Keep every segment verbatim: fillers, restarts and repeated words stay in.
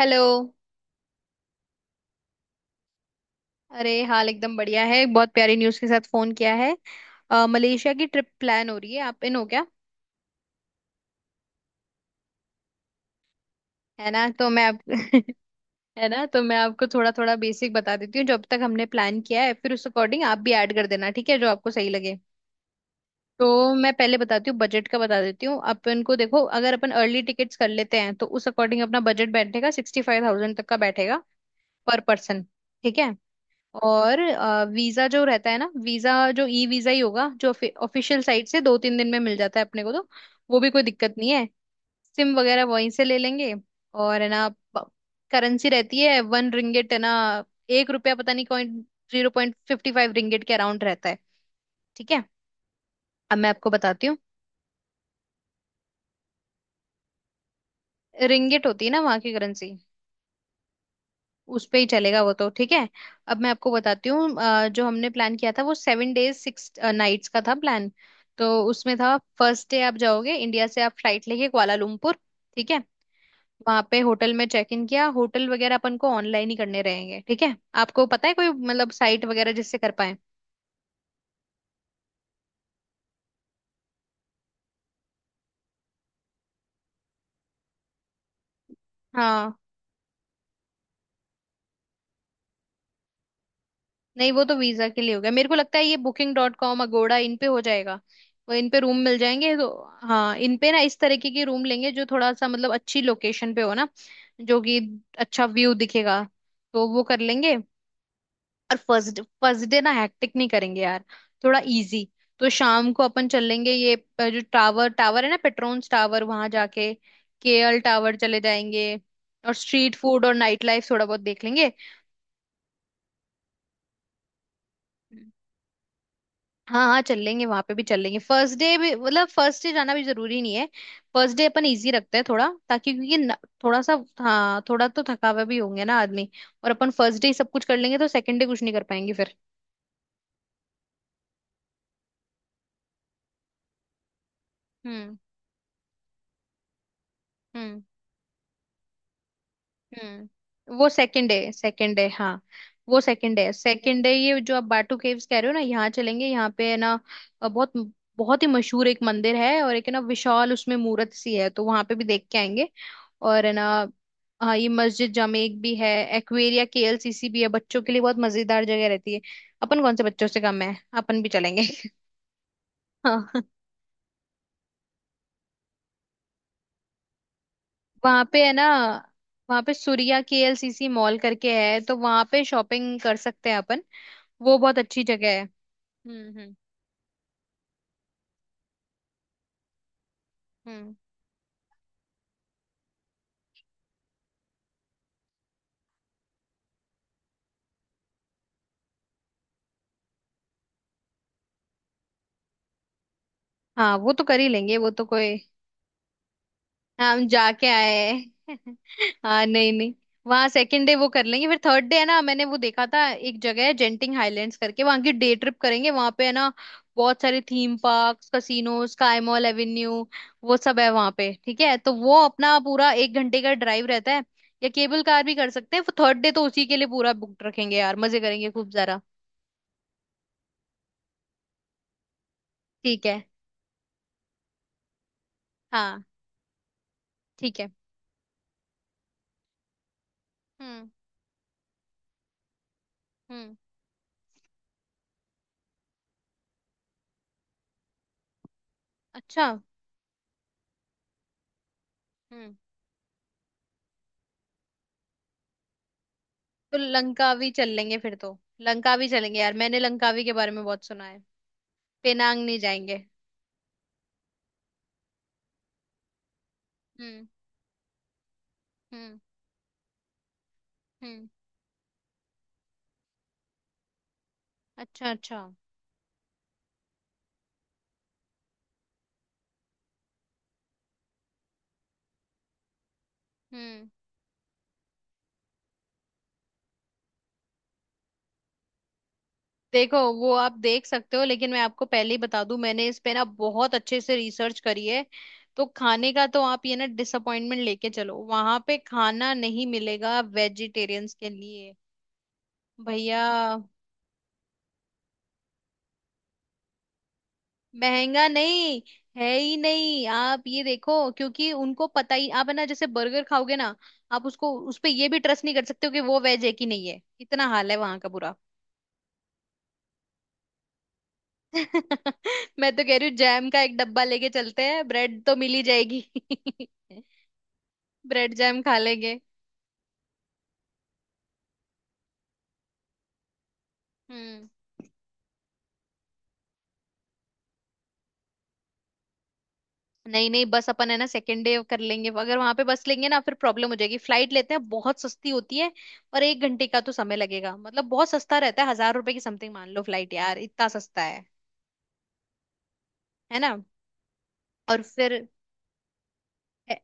Hello. अरे हाल एकदम बढ़िया है, बहुत प्यारी न्यूज़ के साथ फोन किया है। अ, मलेशिया की ट्रिप प्लान हो रही है, आप इन हो क्या? है ना, तो मैं आप है ना, तो मैं आपको थोड़ा थोड़ा बेसिक बता देती हूँ जो अब तक हमने प्लान किया है, फिर उस अकॉर्डिंग आप भी ऐड कर देना, ठीक है, जो आपको सही लगे। तो मैं पहले बताती हूँ, बजट का बता देती हूँ अपन को। देखो, अगर अपन अर्ली टिकट्स कर लेते हैं तो उस अकॉर्डिंग अपना बजट बैठेगा, सिक्सटी फाइव थाउजेंड तक का बैठेगा, पर पर्सन। ठीक है। और अ, वीजा जो रहता है ना, वीजा जो ई वीजा ही होगा जो ऑफिशियल साइट से दो तीन दिन में मिल जाता है अपने को, तो वो भी कोई दिक्कत नहीं है। सिम वगैरह वहीं से ले लेंगे। और है ना, करेंसी रहती है वन रिंगिट, है ना। एक रुपया, पता नहीं, coin zero point fifty five ringgit के अराउंड रहता है। ठीक है। अब मैं आपको बताती हूँ। रिंगिट होती है ना वहाँ की करेंसी, उस पे ही चलेगा वो, तो ठीक है। अब मैं आपको बताती हूँ, अ, जो हमने प्लान किया था, वो सेवन डेज सिक्स नाइट्स का था प्लान। तो उसमें था, फर्स्ट डे आप जाओगे इंडिया से, आप फ्लाइट लेके कुआलालंपुर। ठीक है। वहां पे होटल में चेक इन किया, होटल वगैरह अपन को ऑनलाइन ही करने रहेंगे, ठीक है? आपको पता है कोई मतलब साइट वगैरह जिससे कर पाए? हाँ। नहीं, वो तो वीजा के लिए हो गया, मेरे को लगता है ये बुकिंग डॉट कॉम, अगोड़ा इन पे हो जाएगा। वो इन पे रूम मिल जाएंगे तो। हाँ, इन पे ना इस तरीके की रूम लेंगे जो थोड़ा सा मतलब अच्छी लोकेशन पे हो ना, जो कि अच्छा व्यू दिखेगा, तो वो कर लेंगे। और फर्स्ट फर्स्ट डे ना हैक्टिक नहीं करेंगे यार, थोड़ा इजी। तो शाम को अपन चल लेंगे, ये अ, जो टावर टावर है ना, पेट्रोन्स टावर, वहां जाके के एल टावर चले जाएंगे। और स्ट्रीट फूड और नाइट लाइफ थोड़ा बहुत देख लेंगे। हाँ हाँ, चल लेंगे, वहां पे भी चल लेंगे, फर्स्ट डे भी, मतलब फर्स्ट डे जाना भी जरूरी नहीं है। फर्स्ट डे अपन इजी रखते हैं थोड़ा, ताकि क्योंकि न, थोड़ा सा, हाँ थोड़ा तो थकावे भी होंगे ना आदमी। और अपन फर्स्ट डे सब कुछ कर लेंगे तो सेकंड डे कुछ नहीं कर पाएंगे फिर। हम्म। हम्म। हम्म, वो सेकंड डे सेकंड डे हाँ। वो सेकंड डे सेकंड डे, ये जो आप बाटू केव्स कह रहे हो ना, यहाँ चलेंगे, यहाँ पे है ना अ, बहुत बहुत ही मशहूर एक मंदिर है। और एक है ना, विशाल उसमें मूर्त सी है, तो वहां पे भी देख के आएंगे। और है ना, हाँ, ये मस्जिद जामेक भी है। एक्वेरिया के एल सी सी भी है, बच्चों के लिए बहुत मजेदार जगह रहती है, अपन कौन से बच्चों से कम है, अपन भी चलेंगे। हाँ। वहां पे है ना, वहां पे सूर्या के एल सी सी मॉल करके है, तो वहां पे शॉपिंग कर सकते हैं अपन। वो बहुत अच्छी जगह है। हम्म हम्म। हम्म। हाँ वो तो कर ही लेंगे, वो तो कोई, हम जाके आए हैं। हाँ, नहीं नहीं, वहाँ सेकंड डे वो कर लेंगे। फिर थर्ड डे है ना, मैंने वो देखा था, एक जगह है जेंटिंग हाइलैंड्स करके, वहाँ की डे ट्रिप करेंगे। वहाँ पे है ना बहुत सारे theme park, casino, sky mall avenue, वो सब है वहाँ पे। ठीक है, तो वो अपना पूरा एक घंटे का ड्राइव रहता है, या केबल कार भी कर सकते हैं। थर्ड डे तो उसी के लिए पूरा बुक रखेंगे यार, मजे करेंगे खूब जरा। ठीक है। हाँ, ठीक है। हम्म हम्म। अच्छा, तो लंकावी चल लेंगे, फिर तो लंकावी चलेंगे यार, मैंने लंकावी के बारे में बहुत सुना है। पेनांग नहीं जाएंगे? हम्म। हम्म। हम्म। अच्छा अच्छा। हम्म। देखो, वो आप देख सकते हो लेकिन मैं आपको पहले ही बता दूं, मैंने इस पे ना बहुत अच्छे से रिसर्च करी है। तो खाने का तो आप ये ना डिसअपॉइंटमेंट लेके चलो, वहां पे खाना नहीं मिलेगा वेजिटेरियंस के लिए। भैया, महंगा नहीं, है ही नहीं। आप ये देखो, क्योंकि उनको पता ही आप है ना, जैसे बर्गर खाओगे ना, आप उसको उस पे ये भी ट्रस्ट नहीं कर सकते हो कि वो वेज है कि नहीं है, इतना हाल है वहां का बुरा। मैं तो कह रही हूँ जैम का एक डब्बा लेके चलते हैं, ब्रेड तो मिल ही जाएगी। ब्रेड जैम खा लेंगे। हम्म। नहीं नहीं, बस अपन है ना सेकेंड डे कर लेंगे, अगर वहां पे बस लेंगे ना फिर प्रॉब्लम हो जाएगी, फ्लाइट लेते हैं बहुत सस्ती होती है। और एक घंटे का तो समय लगेगा, मतलब बहुत सस्ता रहता है, हजार रुपए की समथिंग मान लो फ्लाइट, यार इतना सस्ता है। है ना। और फिर ए-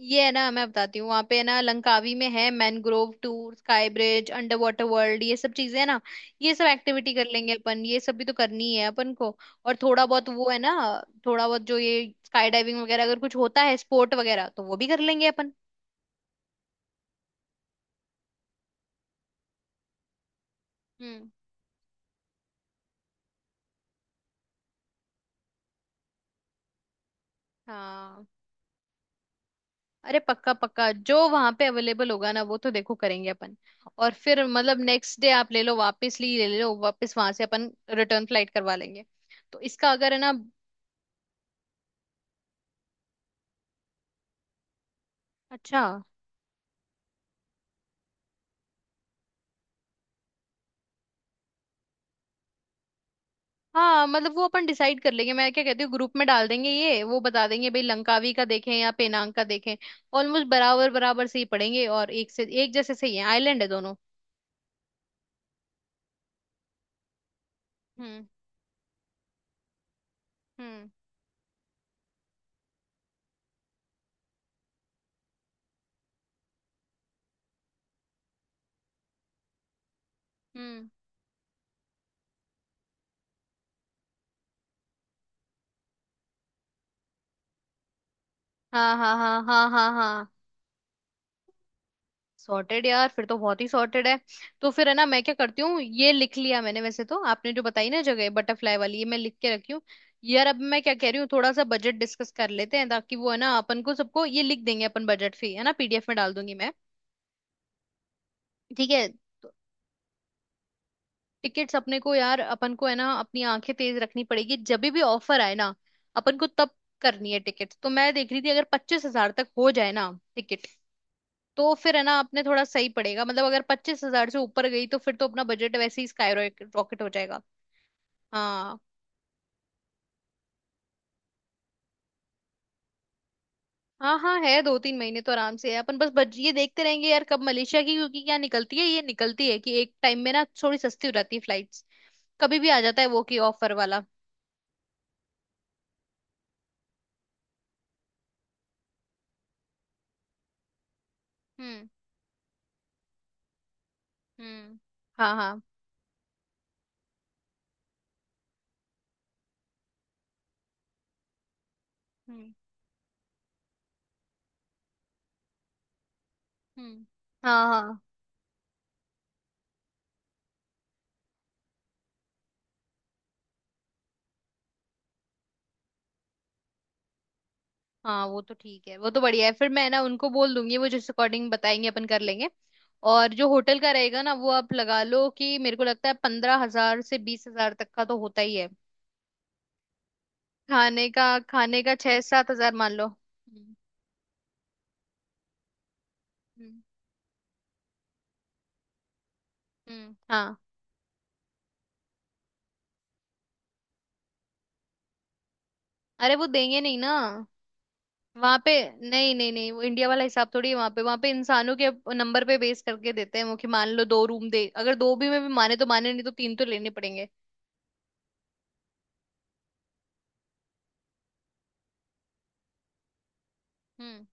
ये है ना, मैं बताती हूँ, वहां पे है ना लंकावी में है mangrove tour, sky bridge, under water world, ये सब चीजें है ना, ये सब एक्टिविटी कर लेंगे अपन, ये सब भी तो करनी है अपन को। और थोड़ा बहुत वो है ना, थोड़ा बहुत जो ये स्काई डाइविंग वगैरह अगर कुछ होता है, स्पोर्ट वगैरह, तो वो भी कर लेंगे अपन। हम्म। हाँ, अरे पक्का पक्का, जो वहां पे अवेलेबल होगा ना वो तो देखो करेंगे अपन। और फिर मतलब नेक्स्ट डे आप ले लो वापस, ली ले लो वापस, वहां से अपन रिटर्न फ्लाइट करवा लेंगे। तो इसका अगर है ना। अच्छा। हाँ मतलब वो अपन डिसाइड कर लेंगे, मैं क्या कहती हूँ ग्रुप में डाल देंगे, ये वो बता देंगे, भाई लंकावी का देखें या पेनांग का देखें। ऑलमोस्ट बराबर बराबर से ही पड़ेंगे, और एक से एक जैसे सही है, आइलैंड है दोनों। हम्म। हम्म। हम्म। हाँ हाँ हाँ हाँ हाँ हाँ। सॉर्टेड यार, फिर तो बहुत ही सॉर्टेड है। तो फिर है ना मैं क्या करती हूँ, ये लिख लिया मैंने, वैसे तो आपने जो बताई ना जगह बटरफ्लाई वाली, ये मैं लिख के रखी हूँ। यार अब मैं क्या कह रही हूँ, थोड़ा सा बजट डिस्कस कर लेते हैं, ताकि वो है ना अपन को सबको ये लिख देंगे अपन, बजट फी है ना पी डी एफ में डाल दूंगी मैं। ठीक है। टिकट्स अपने को यार, अपन को है ना अपनी आंखें तेज रखनी पड़ेगी, जब भी ऑफर आए ना अपन को तब करनी है टिकट। तो मैं देख रही थी अगर पच्चीस हजार तक हो जाए ना टिकट, तो फिर है ना अपने थोड़ा सही पड़ेगा। मतलब अगर पच्चीस हजार से ऊपर गई, तो फिर तो अपना बजट वैसे ही स्काई रॉकेट हो जाएगा। हाँ। हाँ हाँ, है दो तीन महीने तो आराम से है अपन। बस बज ये देखते रहेंगे यार, कब मलेशिया की, क्योंकि क्या निकलती है, ये निकलती है कि एक टाइम में ना थोड़ी सस्ती हो जाती है फ्लाइट्स, कभी भी आ जाता है वो की ऑफर वाला। हम्म। हम्म। हाँ हाँ। हम्म। हम्म। हाँ हाँ, हाँ वो तो ठीक है, वो तो बढ़िया है, फिर मैं ना उनको बोल दूंगी, वो जिस अकॉर्डिंग बताएंगे अपन कर लेंगे। और जो होटल का रहेगा ना, वो आप लगा लो कि मेरे को लगता है पंद्रह हजार से बीस हजार तक का तो होता ही है। खाने का, खाने का छह सात हजार मान लो। हम्म। हम्म। हम्म, हाँ। अरे वो देंगे नहीं ना वहां पे। नहीं नहीं नहीं, वो इंडिया वाला हिसाब थोड़ी है वहां पे, वहां पे इंसानों के नंबर पे बेस करके देते हैं वो, कि मान लो दो रूम दे, अगर दो भी में भी माने तो माने, नहीं तो तीन तो लेने पड़ेंगे। हम्म।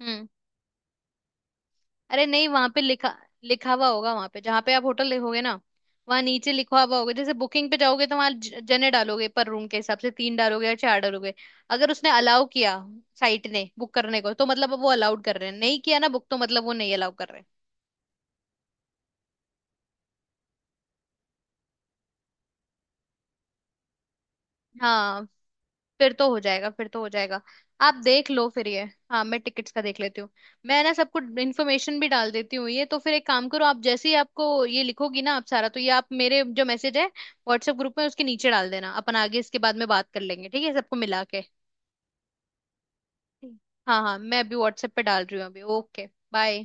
हम्म। अरे नहीं, वहां पे लिखा लिखा हुआ होगा, वहां पे जहां पे आप होटल लिखोगे ना, वहां नीचे लिखा हुआ होगा, जैसे बुकिंग पे जाओगे तो वहां जने डालोगे पर रूम के हिसाब से, तीन डालोगे या चार डालोगे। अगर उसने अलाउ किया साइट ने बुक करने को, तो मतलब वो अलाउड कर रहे हैं। नहीं किया ना बुक, तो मतलब वो नहीं अलाउ कर रहे हैं। हाँ। फिर तो हो जाएगा, फिर तो हो जाएगा। आप देख लो फिर ये। हाँ मैं टिकट्स का देख लेती हूँ। मैं ना सबको इन्फॉर्मेशन भी डाल देती हूँ, ये तो फिर एक काम करो, आप जैसे ही आपको ये लिखोगी ना आप सारा, तो ये आप मेरे जो मैसेज है व्हाट्सएप ग्रुप में उसके नीचे डाल देना, अपन आगे इसके बाद में बात कर लेंगे, ठीक है, सबको मिला के। हाँ हाँ, मैं अभी व्हाट्सएप पे डाल रही हूँ अभी। ओके। बाय।